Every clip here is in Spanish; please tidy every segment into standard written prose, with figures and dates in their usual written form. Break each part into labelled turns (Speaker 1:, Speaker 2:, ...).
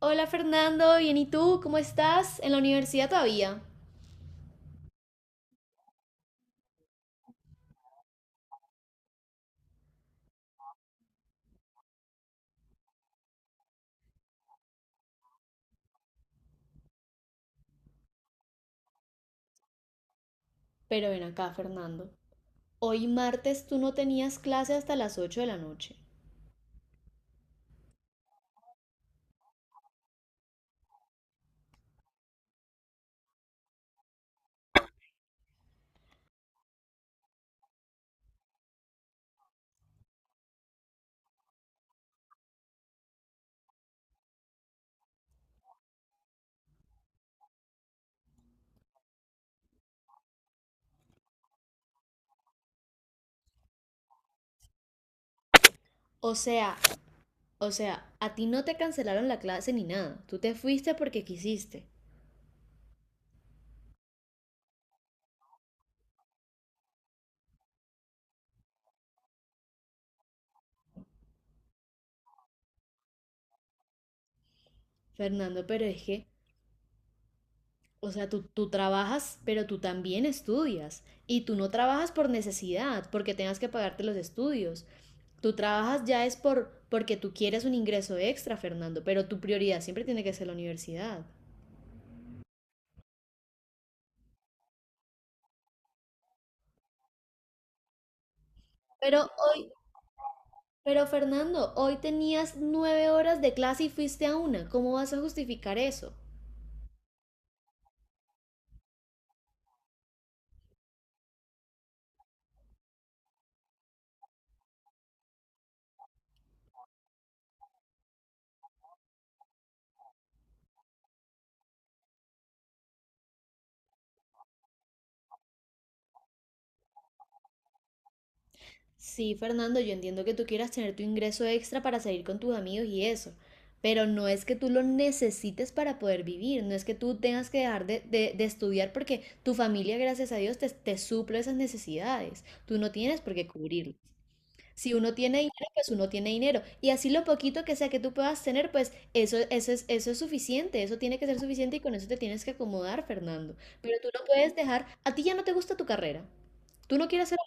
Speaker 1: Hola Fernando, bien y tú, ¿cómo estás? En la universidad todavía. Pero ven acá, Fernando. Hoy martes tú no tenías clase hasta las 8 de la noche. O sea, o sea, a ti no te cancelaron la clase ni nada. Tú te fuiste porque quisiste. Fernando, pero es que, o sea, tú trabajas, pero tú también estudias. Y tú no trabajas por necesidad, porque tengas que pagarte los estudios. Tú trabajas ya es porque tú quieres un ingreso extra, Fernando, pero tu prioridad siempre tiene que ser la universidad. Pero hoy, pero Fernando, hoy tenías 9 horas de clase y fuiste a una. ¿Cómo vas a justificar eso? Sí, Fernando, yo entiendo que tú quieras tener tu ingreso extra para salir con tus amigos y eso, pero no es que tú lo necesites para poder vivir, no es que tú tengas que dejar de estudiar porque tu familia, gracias a Dios, te suple esas necesidades. Tú no tienes por qué cubrirlo. Si uno tiene dinero, pues uno tiene dinero. Y así lo poquito que sea que tú puedas tener, pues eso es suficiente, eso tiene que ser suficiente y con eso te tienes que acomodar, Fernando. Pero tú no puedes dejar, a ti ya no te gusta tu carrera. Tú no quieres ser...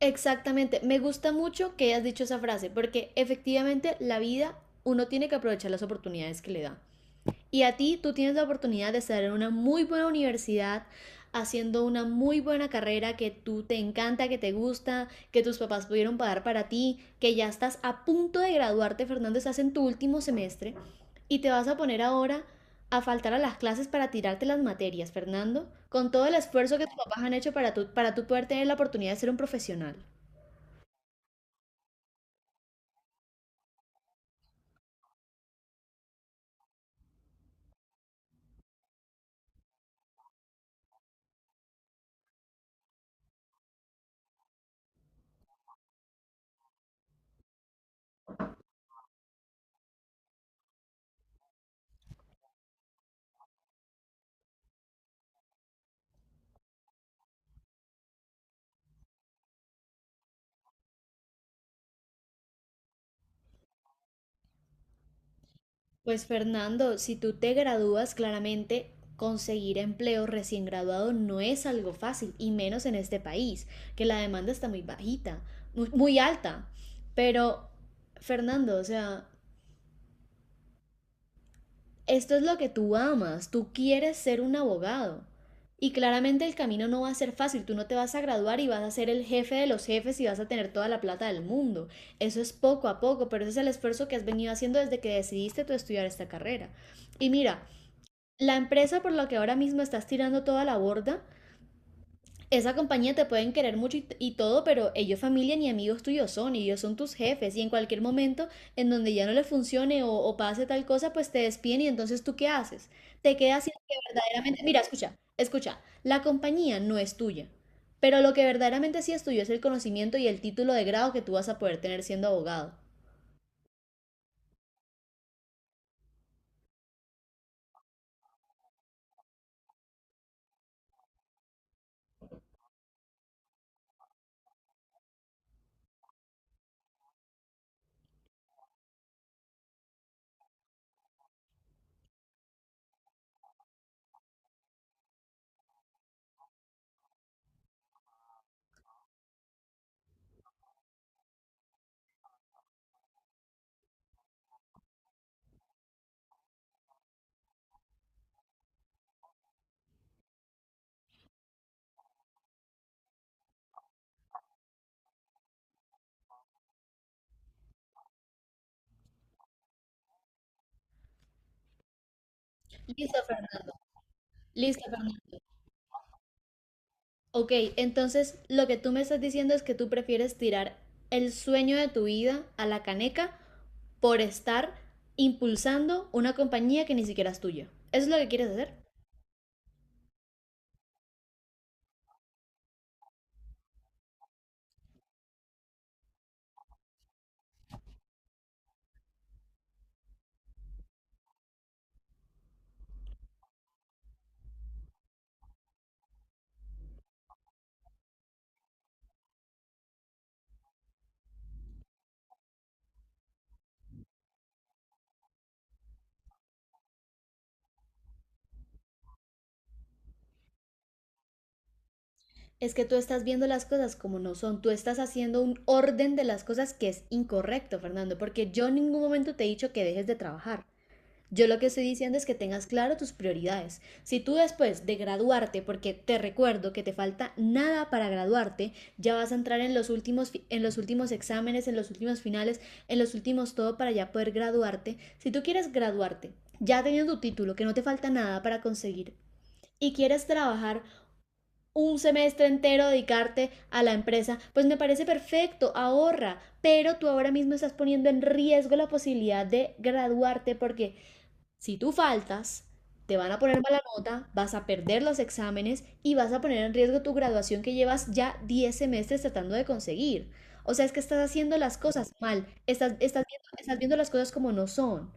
Speaker 1: Exactamente, me gusta mucho que hayas dicho esa frase, porque efectivamente la vida, uno tiene que aprovechar las oportunidades que le da. Y a ti tú tienes la oportunidad de estar en una muy buena universidad, haciendo una muy buena carrera que tú te encanta, que te gusta, que tus papás pudieron pagar para ti, que ya estás a punto de graduarte, Fernando, estás en tu último semestre y te vas a poner ahora a faltar a las clases para tirarte las materias, Fernando, con todo el esfuerzo que tus papás han hecho para tú poder tener la oportunidad de ser un profesional. Pues Fernando, si tú te gradúas, claramente conseguir empleo recién graduado no es algo fácil, y menos en este país, que la demanda está muy bajita, muy, muy alta. Pero, Fernando, o sea, esto es lo que tú amas, tú quieres ser un abogado. Y claramente el camino no va a ser fácil, tú no te vas a graduar y vas a ser el jefe de los jefes y vas a tener toda la plata del mundo. Eso es poco a poco, pero ese es el esfuerzo que has venido haciendo desde que decidiste tú estudiar esta carrera. Y mira, la empresa por la que ahora mismo estás tirando toda la borda, esa compañía te pueden querer mucho todo, pero ellos familia ni amigos tuyos son, y ellos son tus jefes y en cualquier momento en donde ya no le funcione o pase tal cosa, pues te despiden y entonces ¿tú qué haces? Te quedas sin lo que verdaderamente... Mira, escucha, escucha, la compañía no es tuya, pero lo que verdaderamente sí es tuyo es el conocimiento y el título de grado que tú vas a poder tener siendo abogado. Listo, Fernando. Listo, Fernando. Ok, entonces lo que tú me estás diciendo es que tú prefieres tirar el sueño de tu vida a la caneca por estar impulsando una compañía que ni siquiera es tuya. ¿Eso es lo que quieres hacer? Es que tú estás viendo las cosas como no son, tú estás haciendo un orden de las cosas que es incorrecto, Fernando, porque yo en ningún momento te he dicho que dejes de trabajar. Yo lo que estoy diciendo es que tengas claro tus prioridades. Si tú después de graduarte, porque te recuerdo que te falta nada para graduarte, ya vas a entrar en los últimos exámenes, en los últimos finales, en los últimos todo para ya poder graduarte. Si tú quieres graduarte, ya teniendo tu título, que no te falta nada para conseguir y quieres trabajar un semestre entero dedicarte a la empresa, pues me parece perfecto, ahorra, pero tú ahora mismo estás poniendo en riesgo la posibilidad de graduarte porque si tú faltas, te van a poner mala nota, vas a perder los exámenes y vas a poner en riesgo tu graduación que llevas ya 10 semestres tratando de conseguir. O sea, es que estás haciendo las cosas mal, estás viendo las cosas como no son.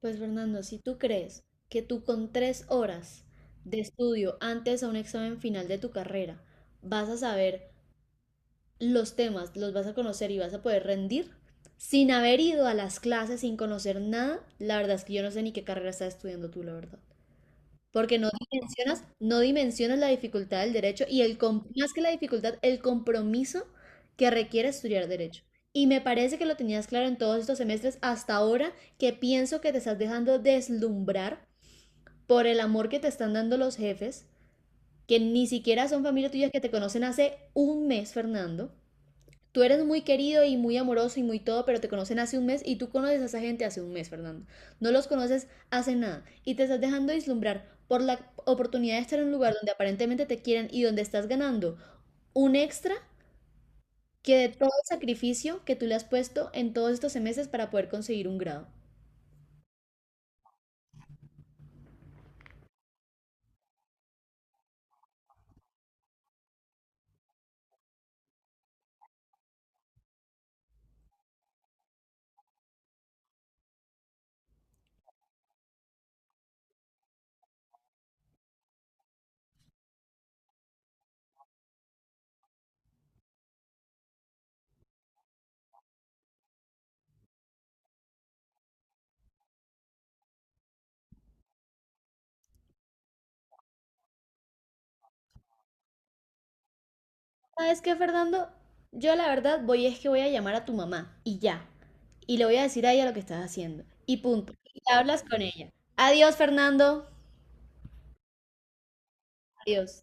Speaker 1: Pues Fernando, si tú crees que tú con 3 horas de estudio antes a un examen final de tu carrera vas a saber los temas los vas a conocer y vas a poder rendir sin haber ido a las clases, sin conocer nada, la verdad es que yo no sé ni qué carrera estás estudiando tú, la verdad. Porque no dimensionas la dificultad del derecho y más que la dificultad, el compromiso que requiere estudiar derecho. Y me parece que lo tenías claro en todos estos semestres hasta ahora que pienso que te estás dejando deslumbrar por el amor que te están dando los jefes, que ni siquiera son familia tuya que te conocen hace un mes, Fernando, tú eres muy querido y muy amoroso y muy todo, pero te conocen hace un mes y tú conoces a esa gente hace un mes, Fernando. No los conoces hace nada y te estás dejando deslumbrar por la oportunidad de estar en un lugar donde aparentemente te quieren y donde estás ganando un extra que de todo el sacrificio que tú le has puesto en todos estos meses para poder conseguir un grado. ¿Sabes qué, Fernando? Yo la verdad voy es que voy a llamar a tu mamá y ya. Y le voy a decir a ella lo que estás haciendo. Y punto. Y hablas con ella. Adiós, Fernando. Adiós.